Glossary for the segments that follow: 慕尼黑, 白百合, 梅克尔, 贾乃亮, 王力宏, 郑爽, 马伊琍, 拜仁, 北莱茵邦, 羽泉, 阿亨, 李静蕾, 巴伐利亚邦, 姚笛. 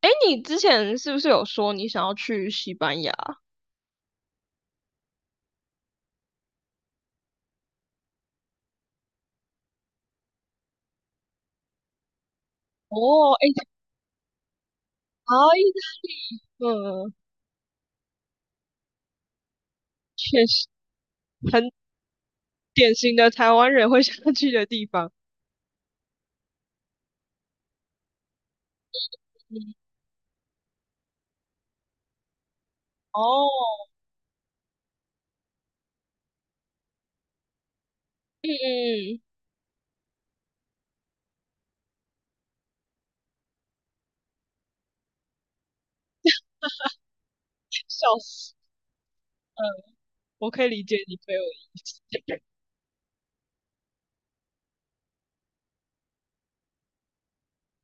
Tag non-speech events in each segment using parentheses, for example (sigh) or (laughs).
哎，你之前是不是有说你想要去西班牙？哦，哎，啊，意大利，嗯，确实很典型的台湾人会想要去的地方。嗯，哦，嗯嗯，笑死，嗯，我可以理解你朋友的意思。(laughs)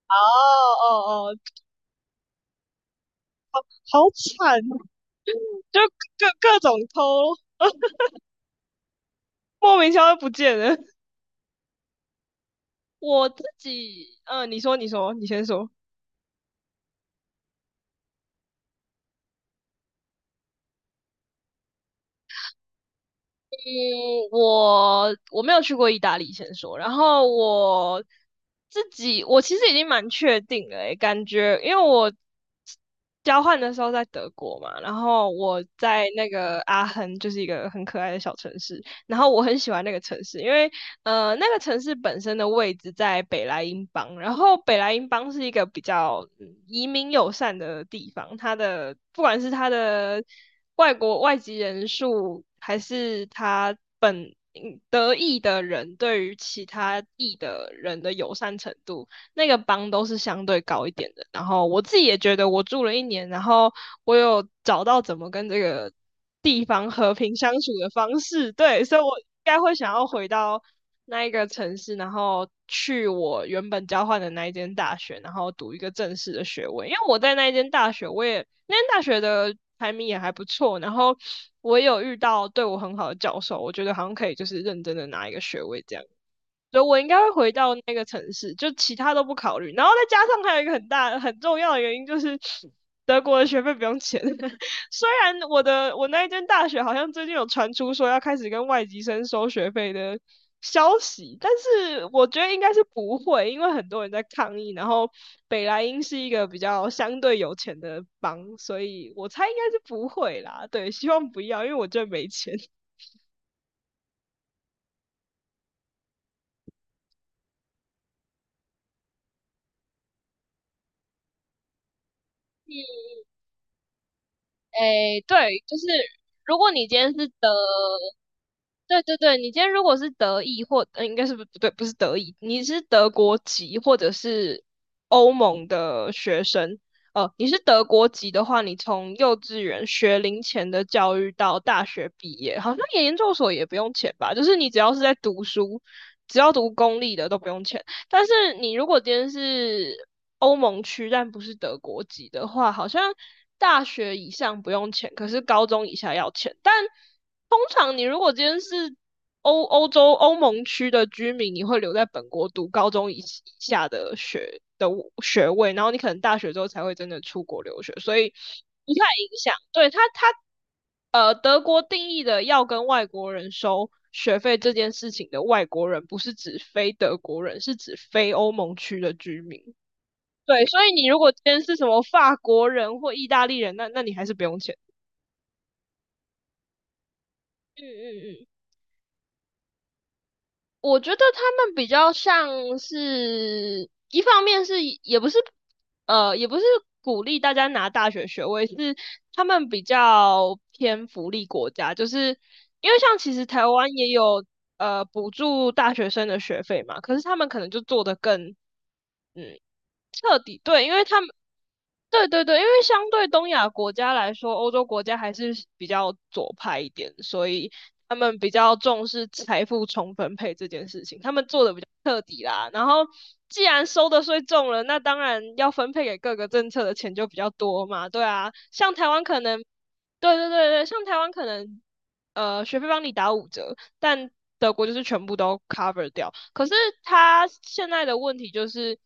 哦哦哦，好惨，就各种偷，莫名其妙就不见了。我自己，你先说。嗯，我没有去过意大利，先说。然后我自己，我其实已经蛮确定了诶，感觉因为我交换的时候在德国嘛，然后我在那个阿亨，就是一个很可爱的小城市，然后我很喜欢那个城市，因为那个城市本身的位置在北莱茵邦，然后北莱茵邦是一个比较移民友善的地方，它的不管是它的外籍人数，还是它德裔的人对于其他裔的人的友善程度，那个帮都是相对高一点的。然后我自己也觉得，我住了1年，然后我有找到怎么跟这个地方和平相处的方式，对，所以我应该会想要回到那一个城市，然后去我原本交换的那一间大学，然后读一个正式的学位。因为我在那一间大学，那间大学的排名也还不错，然后我也有遇到对我很好的教授，我觉得好像可以就是认真的拿一个学位这样。所以我应该会回到那个城市，就其他都不考虑。然后再加上还有一个很大很重要的原因就是德国的学费不用钱。(laughs) 虽然我那一间大学好像最近有传出说要开始跟外籍生收学费的消息，但是我觉得应该是不会，因为很多人在抗议。然后北莱茵是一个比较相对有钱的邦，所以我猜应该是不会啦。对，希望不要，因为我真的没钱。诶，对，就是如果你今天是德对对对，你今天如果是德裔或，应该是不对，不是德裔，你是德国籍或者是欧盟的学生，你是德国籍的话，你从幼稚园学龄前的教育到大学毕业，好像研究所也不用钱吧？就是你只要是在读书，只要读公立的都不用钱。但是你如果今天是欧盟区但不是德国籍的话，好像大学以上不用钱，可是高中以下要钱，但。通常你如果今天是欧盟区的居民，你会留在本国读高中以下的学位，然后你可能大学之后才会真的出国留学，所以不太影响。对他他呃，德国定义的要跟外国人收学费这件事情的外国人，不是指非德国人，是指非欧盟区的居民。对，所以你如果今天是什么法国人或意大利人，那你还是不用钱。嗯嗯嗯我觉得他们比较像是，一方面是也不是，呃，也不是鼓励大家拿大学学位，是他们比较偏福利国家，就是因为像其实台湾也有补助大学生的学费嘛，可是他们可能就做得更嗯彻底，对，因为他们对对对，因为相对东亚国家来说，欧洲国家还是比较左派一点，所以他们比较重视财富重分配这件事情，他们做的比较彻底啦。然后，既然收的税重了，那当然要分配给各个政策的钱就比较多嘛，对啊。像台湾可能，对对对对，像台湾可能，学费帮你打5折，但德国就是全部都 cover 掉。可是他现在的问题就是。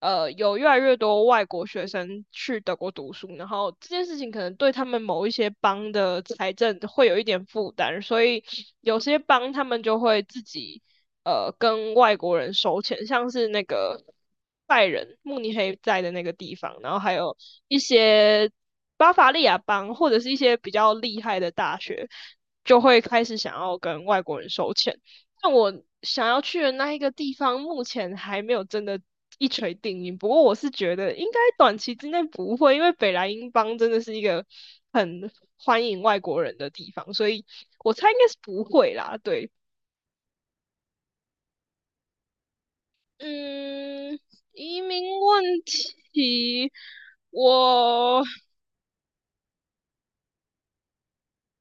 有越来越多外国学生去德国读书，然后这件事情可能对他们某一些邦的财政会有一点负担，所以有些邦他们就会自己跟外国人收钱，像是那个拜仁、慕尼黑在的那个地方，然后还有一些巴伐利亚邦或者是一些比较厉害的大学，就会开始想要跟外国人收钱。但我想要去的那一个地方，目前还没有真的一锤定音。不过我是觉得应该短期之内不会，因为北莱茵邦真的是一个很欢迎外国人的地方，所以我猜应该是不会啦。对，嗯，移民问题，我，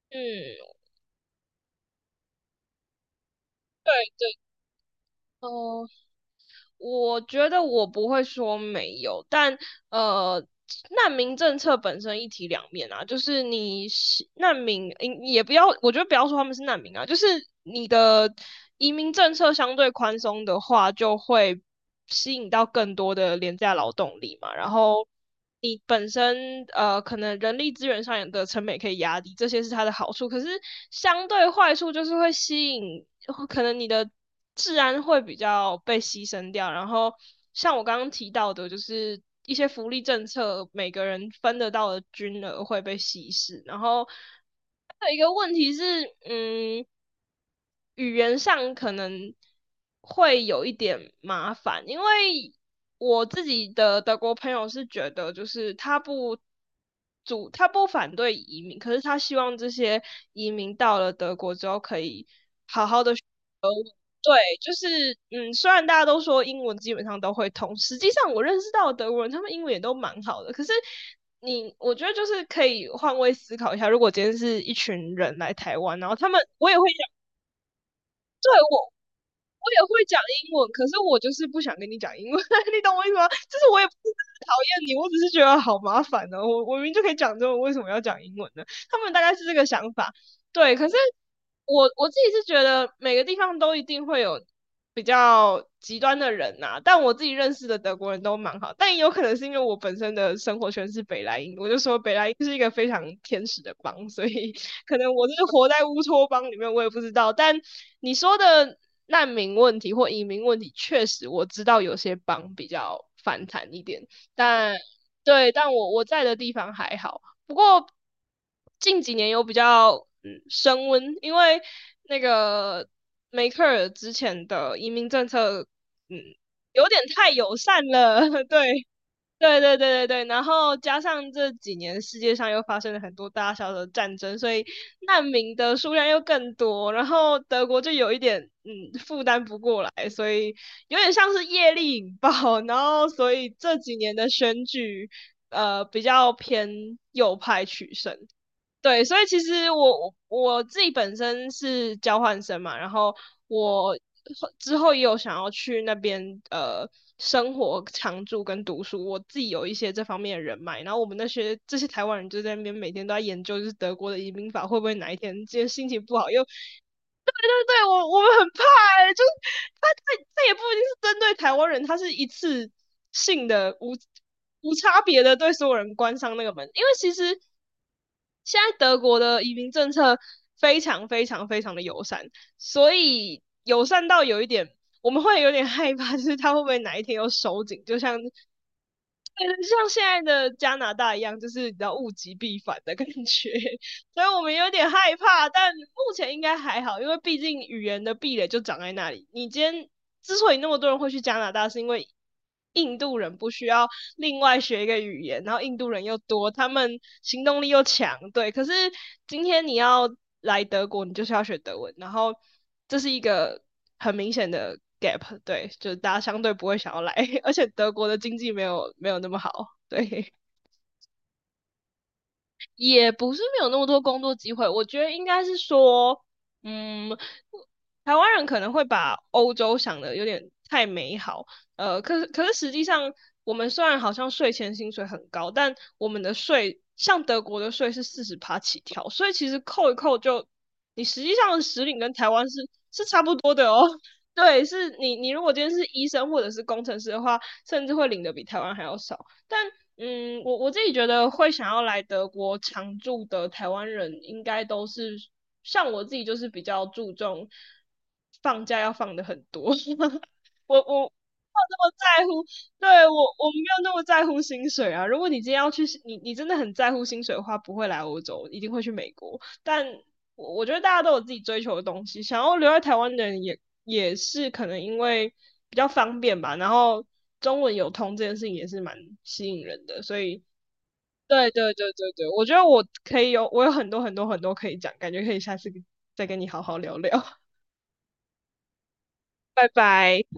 嗯，对对，哦、我觉得我不会说没有，但呃，难民政策本身一体两面啊，就是你难民，也不要，我觉得不要说他们是难民啊，就是你的移民政策相对宽松的话，就会吸引到更多的廉价劳动力嘛，然后你本身可能人力资源上的成本可以压低，这些是它的好处。可是相对坏处就是会吸引，可能你的治安会比较被牺牲掉。然后像我刚刚提到的，就是一些福利政策，每个人分得到的均额会被稀释。然后还有一个问题是，嗯，语言上可能会有一点麻烦，因为我自己的德国朋友是觉得，就是他不反对移民，可是他希望这些移民到了德国之后可以。对，就是虽然大家都说英文基本上都会通，实际上我认识到的德国人，他们英文也都蛮好的。可是我觉得就是可以换位思考一下，如果今天是一群人来台湾，然后他们，我也会讲英文，可是我就是不想跟你讲英文，(laughs) 你懂我意思吗？就是我也不是讨厌你，我只是觉得好麻烦呢、我明明就可以讲中文，为什么要讲英文呢？他们大概是这个想法，对。可是我自己是觉得每个地方都一定会有比较极端的人呐、啊但我自己认识的德国人都蛮好，但也有可能是因为我本身的生活圈是北莱茵，我就说北莱茵是一个非常天使的邦，所以 (laughs) 可能我是活在乌托邦里面，我也不知道。但你说的难民问题或移民问题，确实我知道有些邦比较反弹一点，但对，但我在的地方还好。不过近几年有比较升温，因为那个梅克尔之前的移民政策，嗯，有点太友善了，(laughs) 对。对对对对对，然后加上这几年世界上又发生了很多大小的战争，所以难民的数量又更多，然后德国就有一点负担不过来，所以有点像是业力引爆，(laughs) 然后所以这几年的选举比较偏右派取胜。对，所以其实我自己本身是交换生嘛，然后我之后也有想要去那边生活、常住跟读书，我自己有一些这方面的人脉，然后我们这些台湾人就在那边每天都在研究，就是德国的移民法会不会哪一天今天心情不好又。对对对，我们很怕欸，就是他也不一定是针对台湾人，他是一次性的无差别的对所有人关上那个门，因为其实现在德国的移民政策非常非常非常的友善，所以友善到有一点，我们会有点害怕，就是他会不会哪一天又收紧，就像，像现在的加拿大一样，就是比较物极必反的感觉。所以我们有点害怕，但目前应该还好，因为毕竟语言的壁垒就长在那里。你今天之所以那么多人会去加拿大，是因为印度人不需要另外学一个语言，然后印度人又多，他们行动力又强，对。可是今天你要来德国，你就是要学德文，然后这是一个很明显的 gap，对，就是大家相对不会想要来，(laughs) 而且德国的经济没有那么好，对。也不是没有那么多工作机会，我觉得应该是说，嗯，台湾人可能会把欧洲想的有点太美好，可是实际上，我们虽然好像税前薪水很高，但我们的税像德国的税是40趴起跳，所以其实扣一扣就，你实际上的实领跟台湾是差不多的哦。(laughs) 对，是你如果今天是医生或者是工程师的话，甚至会领的比台湾还要少。但我自己觉得会想要来德国常住的台湾人，应该都是像我自己，就是比较注重放假要放的很多。(laughs) 我没有那么在乎，对，我没有那么在乎薪水啊。如果你今天要去，你真的很在乎薪水的话，不会来欧洲，一定会去美国。但我觉得大家都有自己追求的东西，想要留在台湾的人也是可能因为比较方便吧，然后中文有通这件事情也是蛮吸引人的，所以对对对对对，我觉得我有很多很多很多可以讲，感觉可以下次再跟你好好聊聊，(laughs) 拜拜。